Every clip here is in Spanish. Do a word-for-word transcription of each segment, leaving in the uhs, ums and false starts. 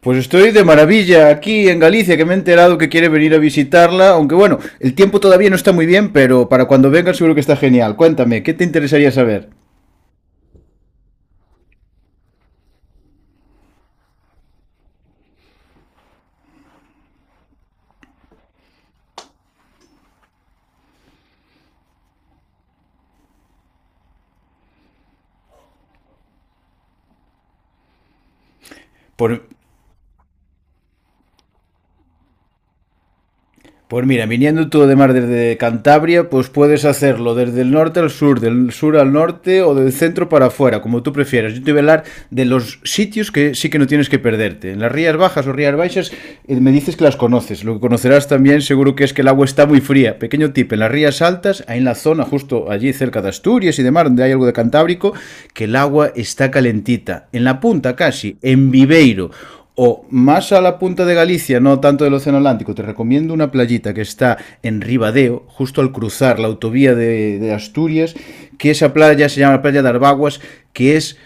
Pues estoy de maravilla aquí en Galicia, que me he enterado que quiere venir a visitarla, aunque bueno, el tiempo todavía no está muy bien, pero para cuando venga seguro que está genial. Cuéntame, ¿qué te interesaría saber? Pues Pues mira, viniendo tú además desde Cantabria, pues puedes hacerlo desde el norte al sur, del sur al norte o del centro para afuera, como tú prefieras. Yo te voy a hablar de los sitios que sí que no tienes que perderte. En las Rías Bajas o Rías Baixas, eh, me dices que las conoces. Lo que conocerás también seguro que es que el agua está muy fría. Pequeño tip, en las Rías Altas, ahí en la zona justo allí cerca de Asturias y demás, donde hay algo de Cantábrico, que el agua está calentita. En la punta casi, en Viveiro o más a la punta de Galicia, no tanto del Océano Atlántico, te recomiendo una playita que está en Ribadeo, justo al cruzar la autovía de, de Asturias, que esa playa se llama la playa de Arbaguas, que es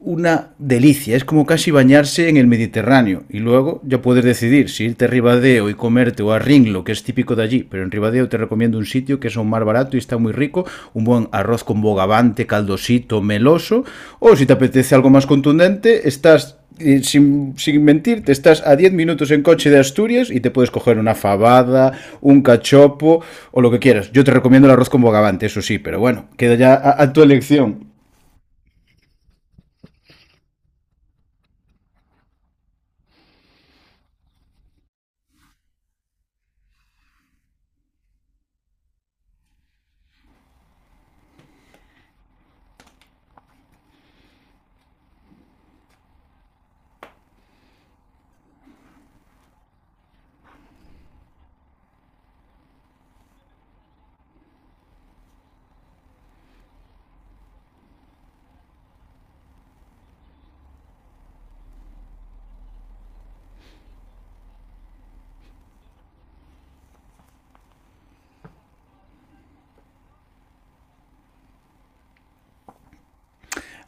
una delicia, es como casi bañarse en el Mediterráneo y luego ya puedes decidir si irte a Ribadeo y comerte o a Ringlo, que es típico de allí, pero en Ribadeo te recomiendo un sitio que es aún más barato y está muy rico, un buen arroz con bogavante, caldosito, meloso, o si te apetece algo más contundente, estás y sin, sin mentir, te estás a diez minutos en coche de Asturias y te puedes coger una fabada, un cachopo o lo que quieras. Yo te recomiendo el arroz con bogavante, eso sí, pero bueno, queda ya a, a tu elección.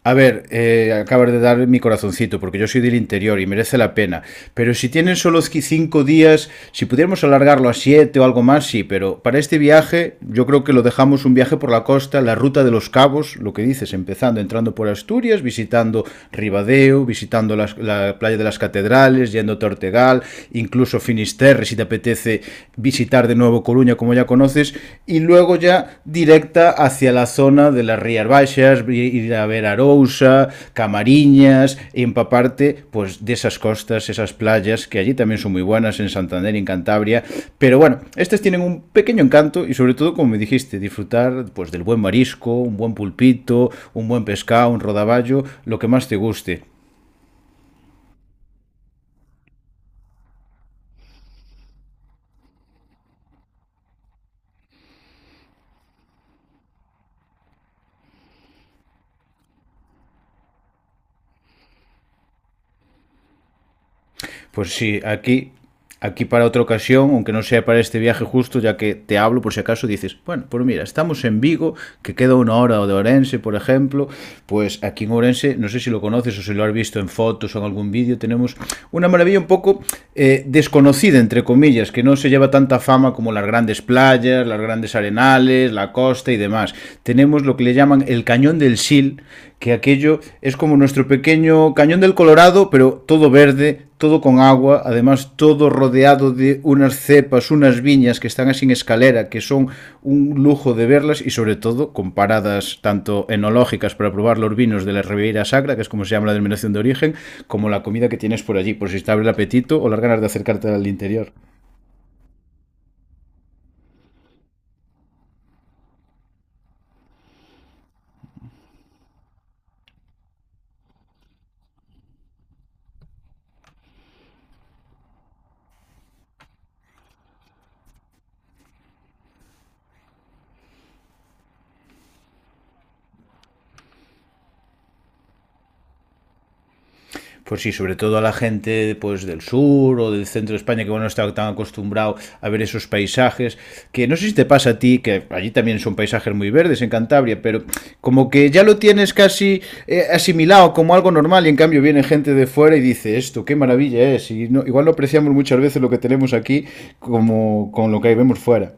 A ver, eh, acabas de dar mi corazoncito, porque yo soy del interior y merece la pena. Pero si tienen solo cinco días, si pudiéramos alargarlo a siete o algo más, sí. Pero para este viaje, yo creo que lo dejamos un viaje por la costa, la ruta de los cabos, lo que dices, empezando, entrando por Asturias, visitando Ribadeo, visitando las- la playa de las catedrales, yendo a Ortegal, incluso Finisterre, si te apetece visitar de nuevo Coruña, como ya conoces, y luego ya directa hacia la zona de las Rías Baixas, ir a ver Arousa, Camariñas, y empaparte pues, de esas costas, esas playas, que allí también son muy buenas, en Santander, en Cantabria, pero bueno, estas tienen un pequeño encanto y sobre todo, como me dijiste, disfrutar pues, del buen marisco, un buen pulpito, un buen pescado, un rodaballo, lo que más te guste. Pues sí, aquí, aquí para otra ocasión, aunque no sea para este viaje justo, ya que te hablo por si acaso dices, bueno, pues mira, estamos en Vigo, que queda una hora de Orense, por ejemplo, pues aquí en Orense, no sé si lo conoces o si lo has visto en fotos o en algún vídeo, tenemos una maravilla un poco eh, desconocida, entre comillas, que no se lleva tanta fama como las grandes playas, las grandes arenales, la costa y demás. Tenemos lo que le llaman el Cañón del Sil, que aquello es como nuestro pequeño cañón del Colorado, pero todo verde, todo con agua, además todo rodeado de unas cepas, unas viñas que están así en escalera, que son un lujo de verlas y sobre todo con paradas tanto enológicas para probar los vinos de la Ribeira Sacra, que es como se llama la denominación de origen, como la comida que tienes por allí, por si te abre el apetito o las ganas de acercarte al interior. Pues sí, sobre todo a la gente pues, del sur o del centro de España que bueno, no está tan acostumbrado a ver esos paisajes, que no sé si te pasa a ti, que allí también son paisajes muy verdes en Cantabria, pero como que ya lo tienes casi eh, asimilado como algo normal y en cambio viene gente de fuera y dice esto, qué maravilla es, y no, igual no apreciamos muchas veces lo que tenemos aquí como con lo que vemos fuera.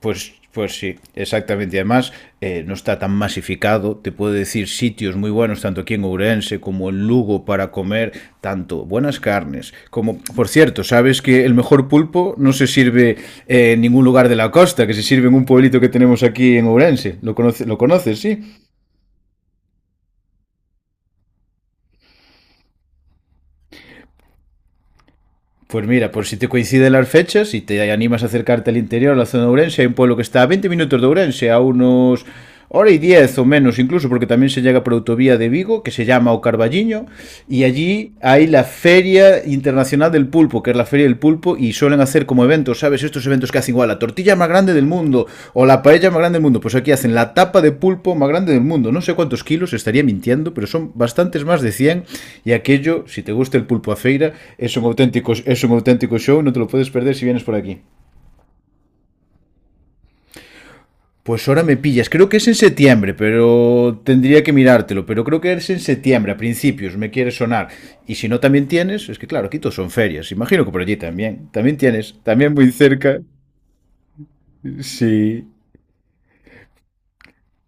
Pues, pues sí, exactamente. Y además, eh, no está tan masificado. Te puedo decir sitios muy buenos, tanto aquí en Ourense como en Lugo, para comer tanto buenas carnes como, por cierto, sabes que el mejor pulpo no se sirve, eh, en ningún lugar de la costa, que se sirve en un pueblito que tenemos aquí en Ourense. ¿Lo, conoce- lo conoces, sí? Pues mira, por si te coinciden las fechas y te animas a acercarte al interior, a la zona de Ourense, hay un pueblo que está a veinte minutos de Ourense, a unos hora y diez o menos incluso, porque también se llega por autovía de Vigo, que se llama O Carballiño, y allí hay la Feria Internacional del Pulpo, que es la Feria del Pulpo, y suelen hacer como eventos, ¿sabes? Estos eventos que hacen igual la tortilla más grande del mundo o la paella más grande del mundo. Pues aquí hacen la tapa de pulpo más grande del mundo. No sé cuántos kilos, estaría mintiendo, pero son bastantes más de cien. Y aquello, si te gusta el pulpo a feira, es un auténtico, es un auténtico show, no te lo puedes perder si vienes por aquí. Pues ahora me pillas, creo que es en septiembre, pero tendría que mirártelo, pero creo que es en septiembre, a principios, me quiere sonar. Y si no también tienes, es que claro, aquí todos son ferias, imagino que por allí también, también tienes, también muy cerca, sí.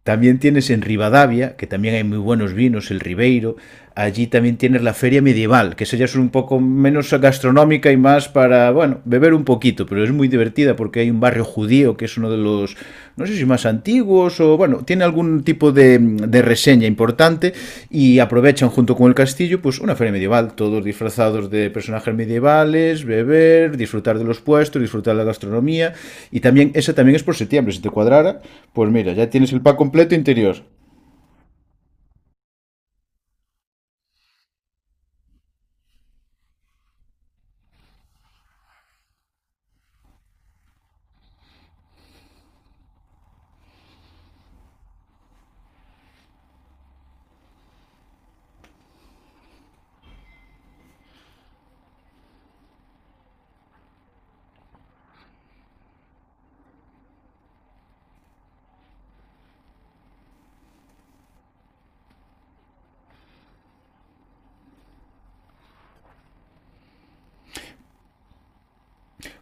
También tienes en Rivadavia, que también hay muy buenos vinos, el Ribeiro. Allí también tienes la feria medieval, que esa ya es un poco menos gastronómica y más para, bueno, beber un poquito, pero es muy divertida porque hay un barrio judío que es uno de los, no sé si más antiguos o, bueno, tiene algún algún tipo de, de reseña importante y aprovechan junto con el castillo pues una feria medieval, todos disfrazados de personajes medievales, beber, disfrutar de los puestos, disfrutar de la gastronomía y también esa también es por septiembre, si te cuadrara, pues mira, ya tienes el pack completo interior.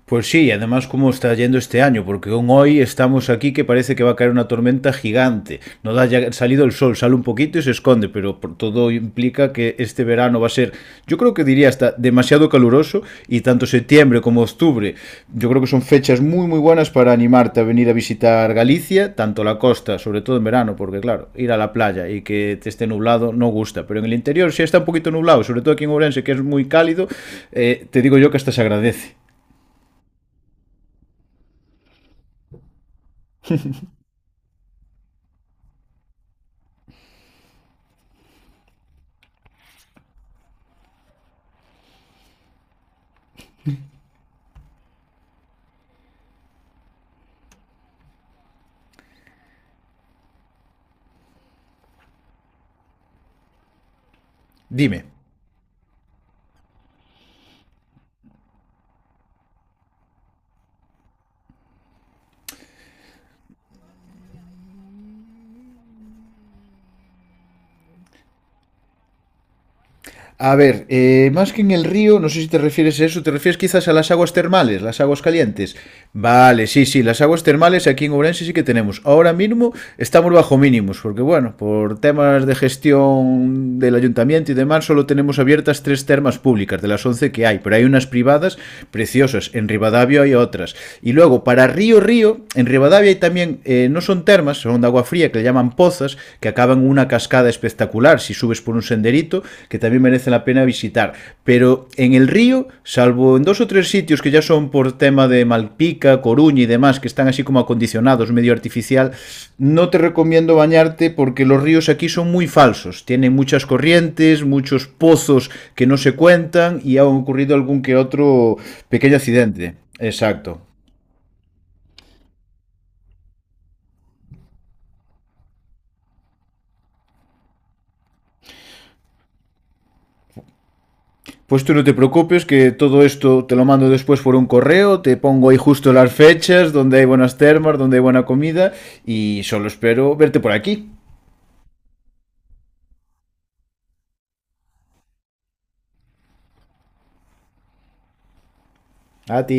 Pues sí, además cómo está yendo este año, porque aún hoy estamos aquí que parece que va a caer una tormenta gigante. No da ya salido el sol, sale un poquito y se esconde, pero todo implica que este verano va a ser, yo creo que diría hasta demasiado caluroso y tanto septiembre como octubre, yo creo que son fechas muy muy buenas para animarte a venir a visitar Galicia, tanto la costa, sobre todo en verano, porque claro, ir a la playa y que te esté nublado no gusta, pero en el interior si está un poquito nublado, sobre todo aquí en Ourense que es muy cálido, eh, te digo yo que hasta se agradece. Dime. A ver, eh, más que en el río, no sé si te refieres a eso, te refieres quizás a las aguas termales, las aguas calientes. Vale, sí, sí, las aguas termales aquí en Ourense sí que tenemos. Ahora mismo estamos bajo mínimos, porque bueno, por temas de gestión del ayuntamiento y demás, solo tenemos abiertas tres termas públicas de las once que hay, pero hay unas privadas preciosas, en Rivadavia hay otras. Y luego, para río, río, en Rivadavia hay también, eh, no son termas, son de agua fría, que le llaman le llaman pozas, que acaban en una cascada espectacular si subes por un senderito, que también merece la pena visitar. Pero en el río, salvo en dos o tres sitios que ya son por tema de Malpica, Coruña y demás, que están así como acondicionados, medio artificial, no te recomiendo bañarte porque los ríos aquí son muy falsos. Tienen muchas corrientes, muchos pozos que no se cuentan y ha ocurrido algún que otro pequeño accidente. Exacto. Pues tú no te preocupes, que todo esto te lo mando después por un correo, te pongo ahí justo las fechas, donde hay buenas termas, donde hay buena comida, y solo espero verte por aquí. A ti.